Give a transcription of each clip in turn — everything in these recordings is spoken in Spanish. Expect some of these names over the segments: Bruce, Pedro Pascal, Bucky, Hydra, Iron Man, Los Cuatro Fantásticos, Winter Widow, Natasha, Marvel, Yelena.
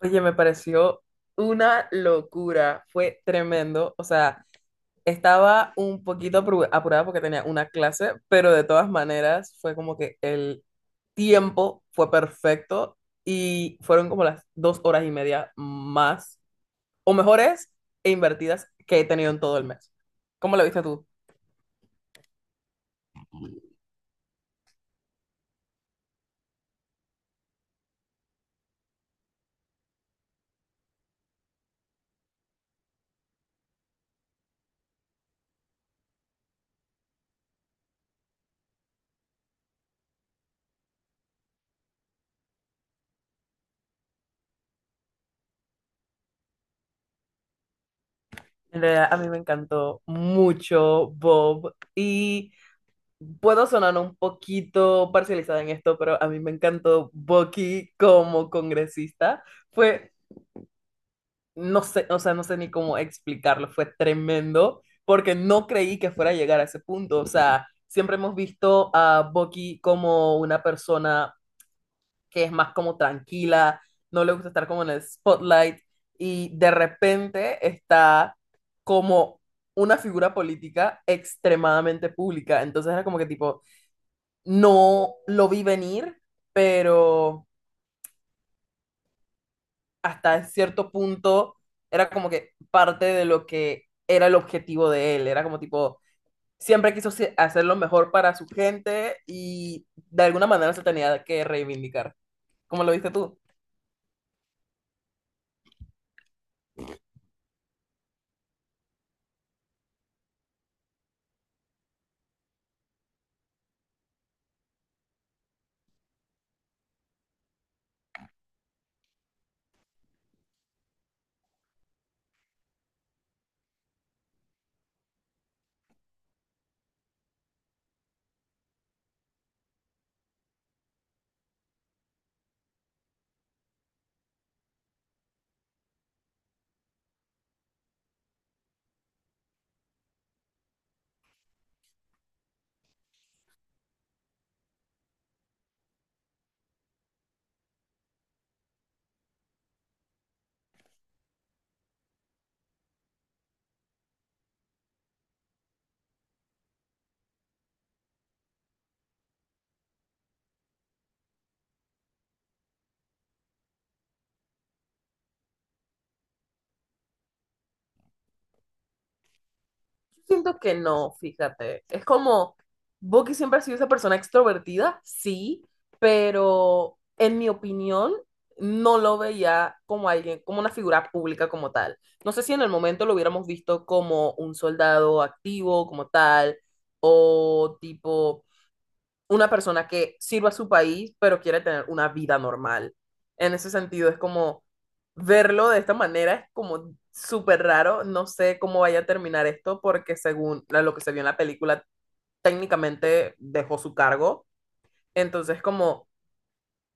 Oye, me pareció una locura, fue tremendo. O sea, estaba un poquito apurada porque tenía una clase, pero de todas maneras fue como que el tiempo fue perfecto y fueron como las dos horas y media más, o mejores e invertidas que he tenido en todo el mes. ¿Cómo lo viste tú? En realidad, a mí me encantó mucho Bob y puedo sonar un poquito parcializada en esto, pero a mí me encantó Bucky como congresista. Fue, no sé, o sea, no sé ni cómo explicarlo, fue tremendo, porque no creí que fuera a llegar a ese punto. O sea, siempre hemos visto a Bucky como una persona que es más como tranquila, no le gusta estar como en el spotlight, y de repente está como una figura política extremadamente pública. Entonces era como que tipo no lo vi venir, pero hasta cierto punto era como que parte de lo que era el objetivo de él, era como tipo, siempre quiso hacer lo mejor para su gente y de alguna manera se tenía que reivindicar. ¿Cómo lo viste tú? Yo siento que no, fíjate. Es como, Bucky siempre ha sido esa persona extrovertida, sí, pero en mi opinión, no lo veía como alguien, como una figura pública como tal. No sé si en el momento lo hubiéramos visto como un soldado activo, como tal, o tipo una persona que sirva a su país, pero quiere tener una vida normal. En ese sentido, es como verlo de esta manera es como súper raro. No sé cómo vaya a terminar esto porque según lo que se vio en la película, técnicamente dejó su cargo. Entonces, como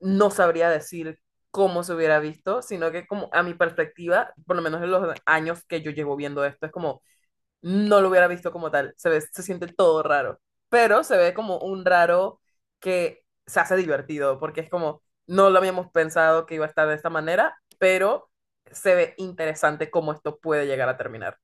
no sabría decir cómo se hubiera visto, sino que como a mi perspectiva, por lo menos en los años que yo llevo viendo esto, es como no lo hubiera visto como tal. Se ve, se siente todo raro. Pero se ve como un raro que se hace divertido, porque es como, no lo habíamos pensado que iba a estar de esta manera, pero se ve interesante cómo esto puede llegar a terminar.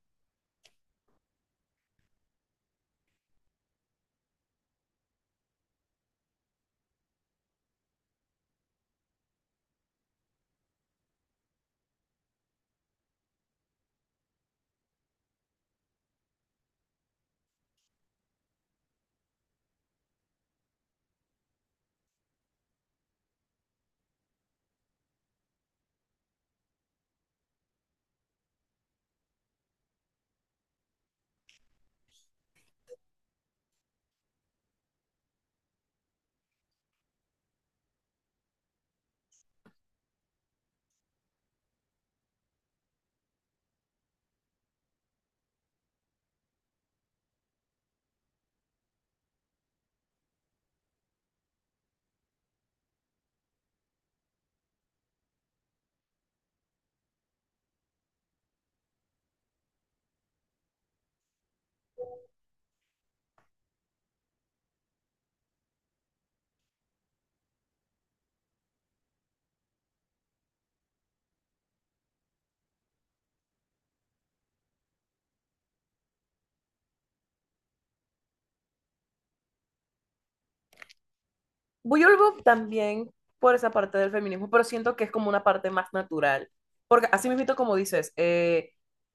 Buyolbo también por esa parte del feminismo, pero siento que es como una parte más natural. Porque así mismo, como dices,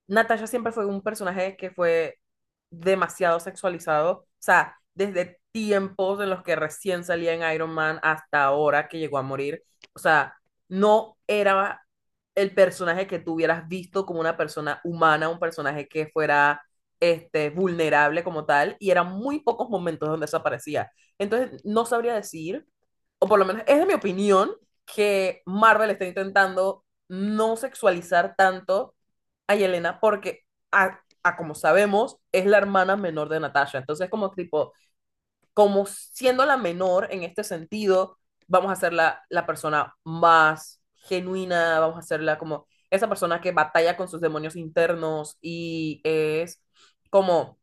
Natasha siempre fue un personaje que fue demasiado sexualizado. O sea, desde tiempos en los que recién salía en Iron Man hasta ahora que llegó a morir. O sea, no era el personaje que tú hubieras visto como una persona humana, un personaje que fuera este, vulnerable como tal, y eran muy pocos momentos donde desaparecía. Entonces, no sabría decir, o por lo menos es de mi opinión, que Marvel está intentando no sexualizar tanto a Yelena porque, a como sabemos, es la hermana menor de Natasha. Entonces, como tipo, como siendo la menor en este sentido, vamos a hacerla la persona más genuina, vamos a hacerla como esa persona que batalla con sus demonios internos y es como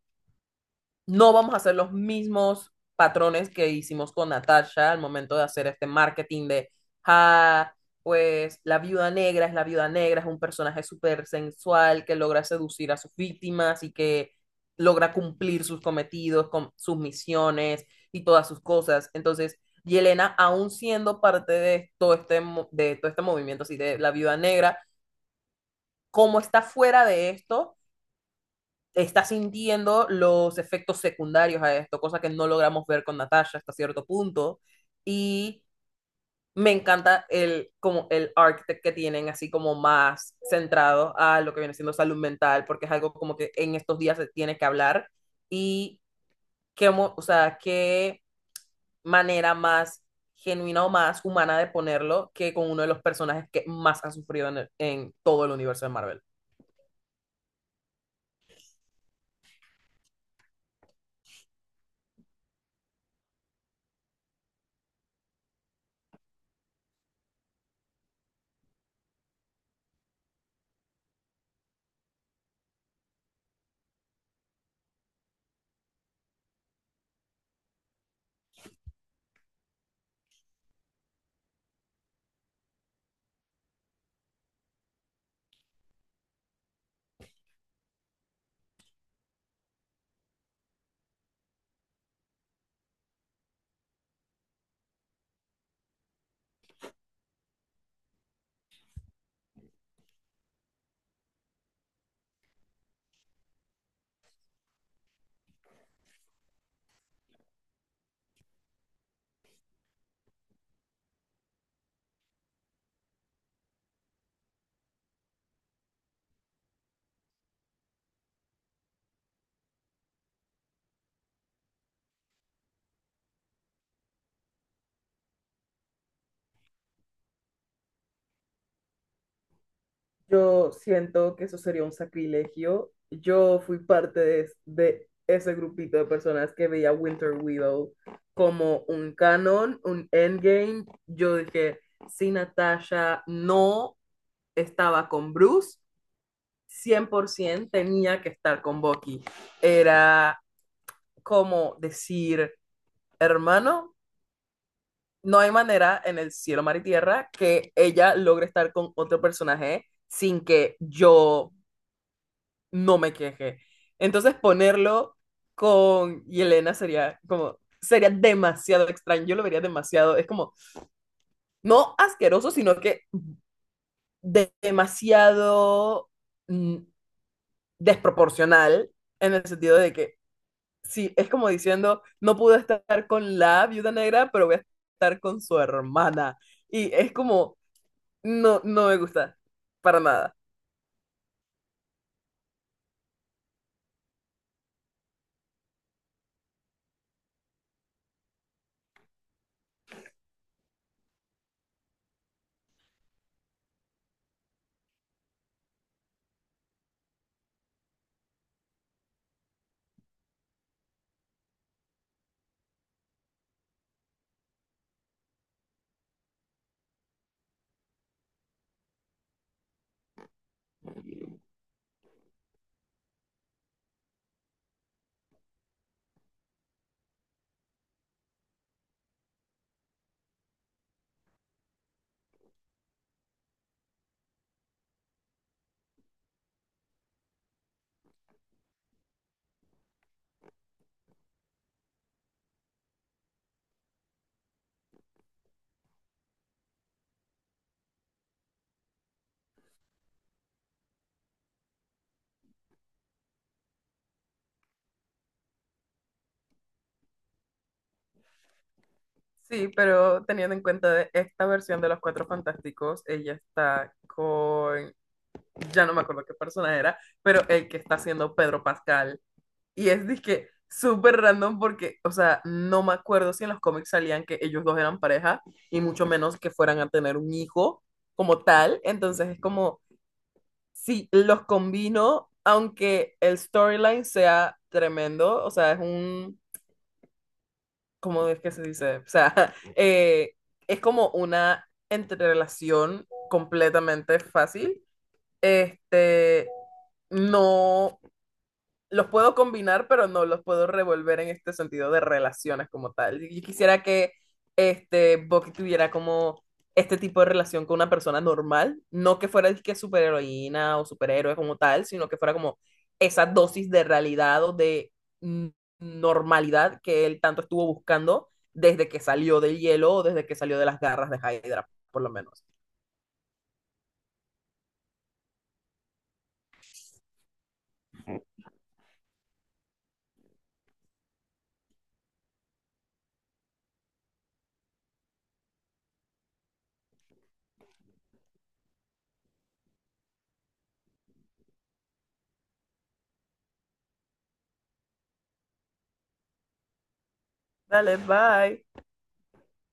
no vamos a hacer los mismos patrones que hicimos con Natasha al momento de hacer este marketing de, ah, pues la viuda negra es la viuda negra, es un personaje súper sensual que logra seducir a sus víctimas y que logra cumplir sus cometidos, con sus misiones y todas sus cosas. Entonces, Yelena, aún siendo parte de todo este movimiento así de la viuda negra, como está fuera de esto, está sintiendo los efectos secundarios a esto, cosa que no logramos ver con Natasha hasta cierto punto. Y me encanta el, como el arc que tienen, así como más centrado a lo que viene siendo salud mental, porque es algo como que en estos días se tiene que hablar. Y qué, o sea, qué manera más genuina o más humana de ponerlo que con uno de los personajes que más ha sufrido en, el, en todo el universo de Marvel. Yo siento que eso sería un sacrilegio. Yo fui parte de ese grupito de personas que veía Winter Widow como un canon, un endgame. Yo dije, si Natasha no estaba con Bruce, 100% tenía que estar con Bucky. Era como decir, hermano, no hay manera en el cielo, mar y tierra que ella logre estar con otro personaje sin que yo no me quejé. Entonces ponerlo con Yelena sería como, sería demasiado extraño, yo lo vería demasiado, es como, no asqueroso, sino que demasiado mm, desproporcional en el sentido de que, sí, es como diciendo, no pude estar con la viuda negra, pero voy a estar con su hermana. Y es como, no, no me gusta, para nada. Sí, pero teniendo en cuenta de esta versión de Los Cuatro Fantásticos, ella está con, ya no me acuerdo qué persona era, pero el que está haciendo Pedro Pascal. Y es disque súper random porque, o sea, no me acuerdo si en los cómics salían que ellos dos eran pareja y mucho menos que fueran a tener un hijo como tal. Entonces es como, si los combino, aunque el storyline sea tremendo, o sea, es un ¿cómo es que se dice? O sea, eh, es como una entrerelación completamente fácil. Este, no, los puedo combinar, pero no los puedo revolver en este sentido de relaciones como tal. Yo quisiera que este Bucky tuviera como este tipo de relación con una persona normal, no que fuera el que superheroína o superhéroe como tal, sino que fuera como esa dosis de realidad o de mm, normalidad que él tanto estuvo buscando desde que salió del hielo o desde que salió de las garras de Hydra, por lo menos. Dale, bye.